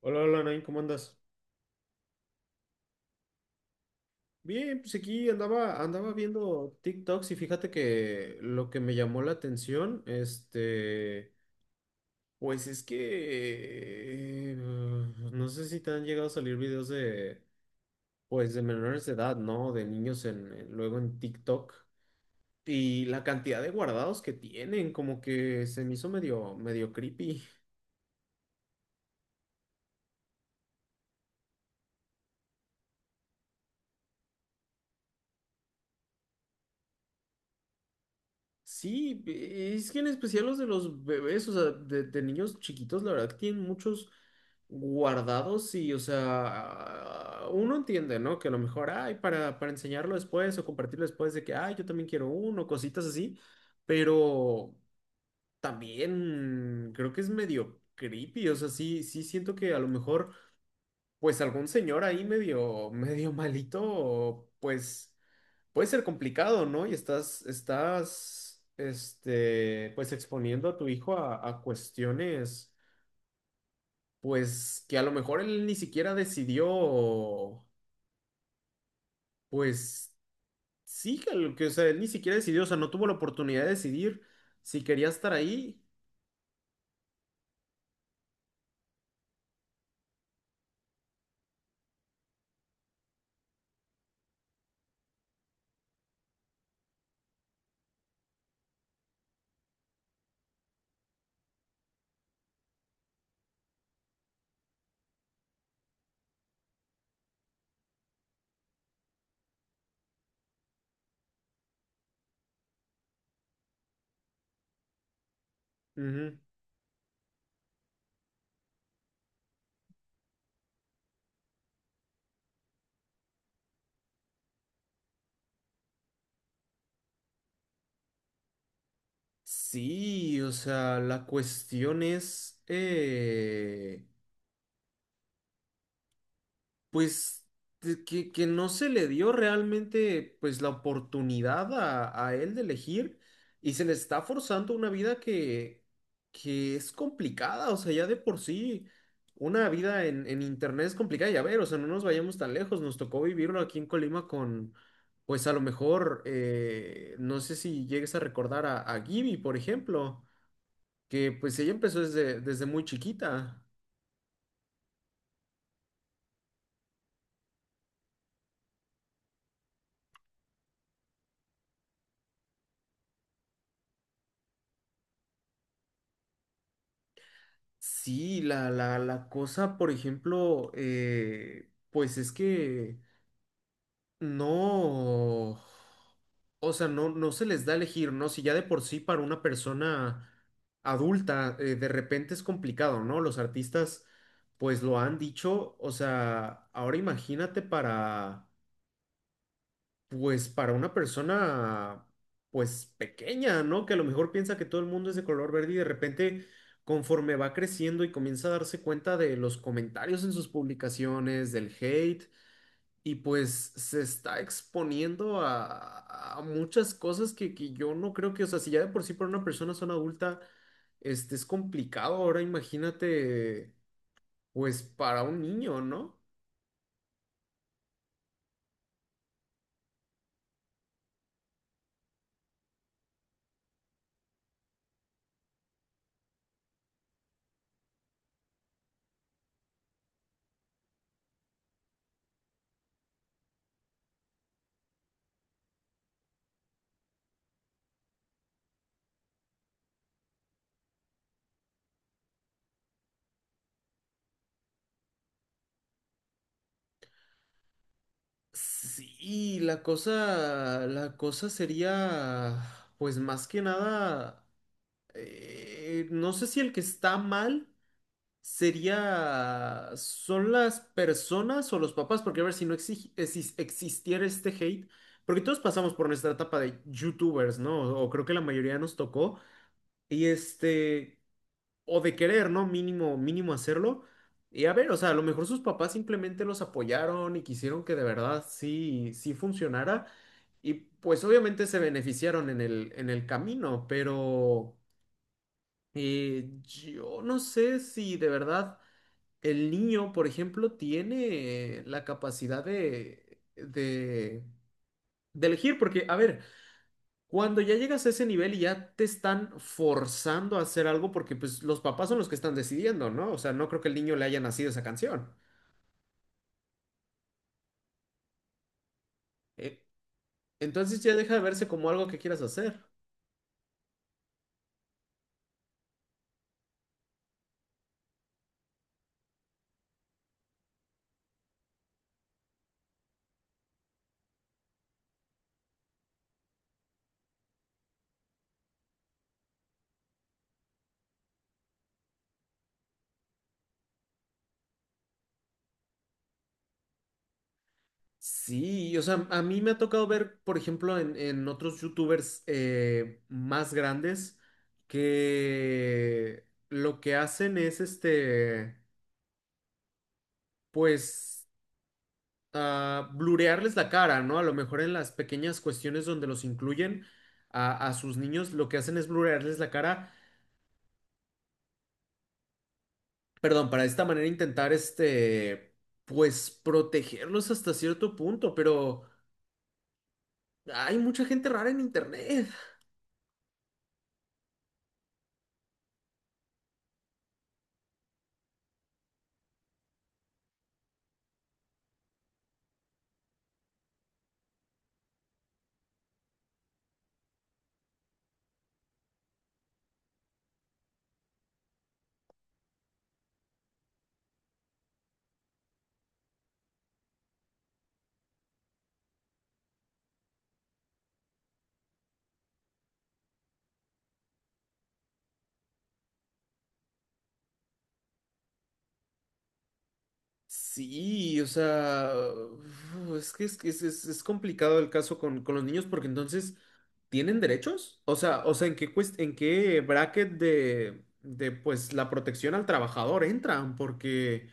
Hola, hola, Nain, ¿cómo andas? Bien, pues aquí andaba, viendo TikToks y fíjate que lo que me llamó la atención, este, pues es que no sé si te han llegado a salir videos de, pues de menores de edad, ¿no? De niños luego en TikTok y la cantidad de guardados que tienen, como que se me hizo medio, medio creepy. Sí, es que en especial los de los bebés, o sea, de niños chiquitos, la verdad que tienen muchos guardados y, o sea, uno entiende, ¿no? Que a lo mejor, ay, para enseñarlo después o compartirlo después de que, ay, yo también quiero uno, cositas así, pero también creo que es medio creepy, o sea, sí, sí siento que a lo mejor, pues algún señor ahí medio, medio malito, pues puede ser complicado, ¿no? Y estás, este, pues exponiendo a tu hijo a cuestiones, pues que a lo mejor él ni siquiera decidió, pues sí, que, lo que, o sea, él ni siquiera decidió, o sea, no tuvo la oportunidad de decidir si quería estar ahí. Ujú. Sí, o sea, la cuestión es, pues de que no se le dio realmente pues la oportunidad a él de elegir y se le está forzando una vida que es complicada, o sea, ya de por sí una vida en internet es complicada, ya ver, o sea, no nos vayamos tan lejos, nos tocó vivirlo aquí en Colima con, pues a lo mejor, no sé si llegues a recordar a Gibi, por ejemplo, que pues ella empezó desde muy chiquita. Sí, la cosa, por ejemplo, pues es que no, o sea, no se les da a elegir, ¿no? Si ya de por sí para una persona adulta, de repente es complicado, ¿no? Los artistas, pues lo han dicho, o sea, ahora imagínate para... Pues para una persona, pues pequeña, ¿no? Que a lo mejor piensa que todo el mundo es de color verde y de repente, conforme va creciendo y comienza a darse cuenta de los comentarios en sus publicaciones, del hate, y pues se está exponiendo a muchas cosas que yo no creo que, o sea, si ya de por sí para una persona son adulta, este es complicado. Ahora imagínate, pues para un niño, ¿no? Sí, la cosa sería, pues más que nada, no sé si el que está mal sería, son las personas o los papás, porque a ver si no existiera este hate, porque todos pasamos por nuestra etapa de YouTubers, ¿no? O, creo que la mayoría nos tocó, y este, o de querer, ¿no? Mínimo, mínimo hacerlo. Y a ver, o sea, a lo mejor sus papás simplemente los apoyaron y quisieron que de verdad sí, sí funcionara. Y pues obviamente se beneficiaron en en el camino, pero yo no sé si de verdad el niño, por ejemplo, tiene la capacidad de elegir, porque, a ver, cuando ya llegas a ese nivel y ya te están forzando a hacer algo, porque pues los papás son los que están decidiendo, ¿no? O sea, no creo que el niño le haya nacido esa canción. Eh, entonces ya deja de verse como algo que quieras hacer. Sí, o sea, a mí me ha tocado ver, por ejemplo, en otros youtubers más grandes que lo que hacen es este, pues, ah, blurearles la cara, ¿no? A lo mejor en las pequeñas cuestiones donde los incluyen a sus niños, lo que hacen es blurearles la cara, perdón, para de esta manera intentar este, pues, protegerlos hasta cierto punto, pero hay mucha gente rara en internet. Sí, o sea, uf, es que es, que es, es complicado el caso con los niños porque entonces, ¿tienen derechos? O sea, ¿en qué, en qué bracket pues, la protección al trabajador entran? Porque,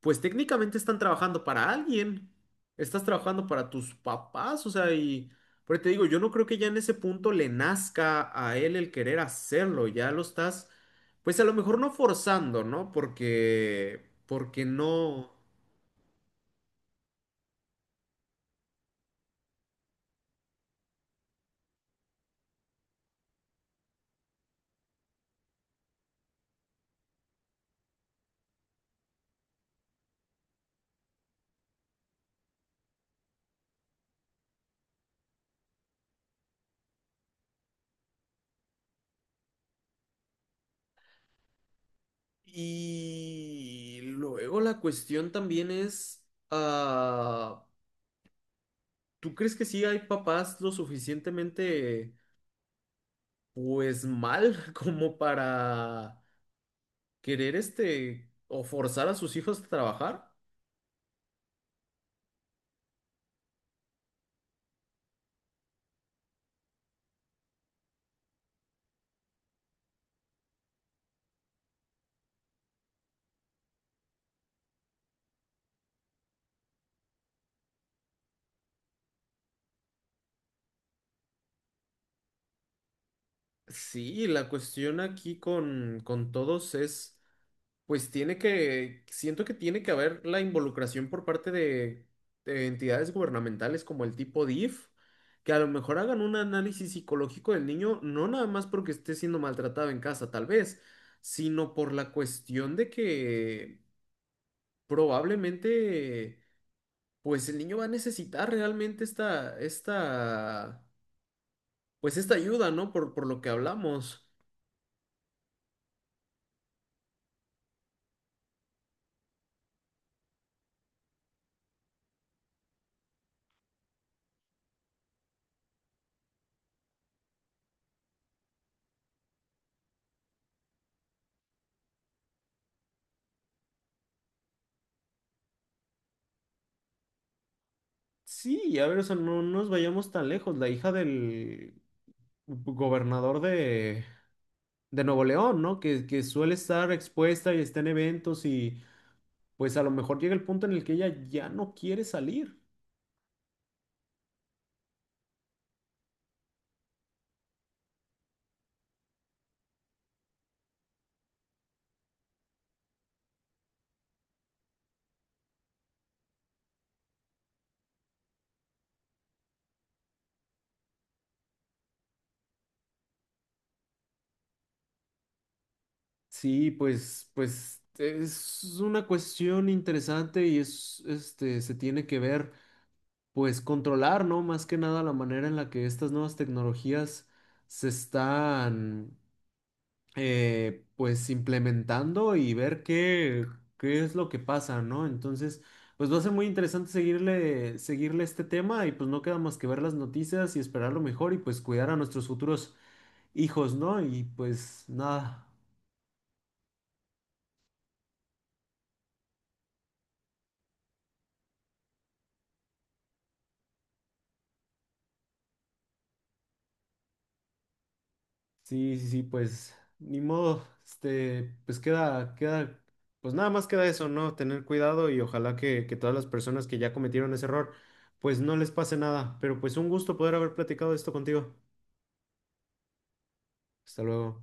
pues, técnicamente están trabajando para alguien. Estás trabajando para tus papás, o sea, y... Pero te digo, yo no creo que ya en ese punto le nazca a él el querer hacerlo, ya lo estás... Pues a lo mejor no forzando, ¿no? Porque, porque no. Y luego la cuestión también es, ah, ¿tú crees que sí hay papás lo suficientemente, pues mal como para querer este o forzar a sus hijos a trabajar? Sí, la cuestión aquí con todos es... Pues tiene que, siento que tiene que haber la involucración por parte de entidades gubernamentales como el tipo DIF, que a lo mejor hagan un análisis psicológico del niño, no nada más porque esté siendo maltratado en casa, tal vez, sino por la cuestión de que probablemente, pues el niño va a necesitar realmente esta, pues esta ayuda, ¿no? Por lo que hablamos. Sí, a ver, o sea, no nos vayamos tan lejos. La hija del gobernador de Nuevo León, ¿no? Que suele estar expuesta y está en eventos y pues a lo mejor llega el punto en el que ella ya no quiere salir. Sí, pues, pues es una cuestión interesante y es, este, se tiene que ver, pues controlar, ¿no? Más que nada la manera en la que estas nuevas tecnologías se están pues implementando y ver qué, qué es lo que pasa, ¿no? Entonces, pues va a ser muy interesante seguirle, seguirle este tema y pues no queda más que ver las noticias y esperar lo mejor y pues cuidar a nuestros futuros hijos, ¿no? Y pues nada, sí, sí, sí, pues ni modo, este, pues queda, queda, pues nada más queda eso, ¿no? Tener cuidado y ojalá que todas las personas que ya cometieron ese error, pues no les pase nada, pero pues un gusto poder haber platicado esto contigo. Hasta luego.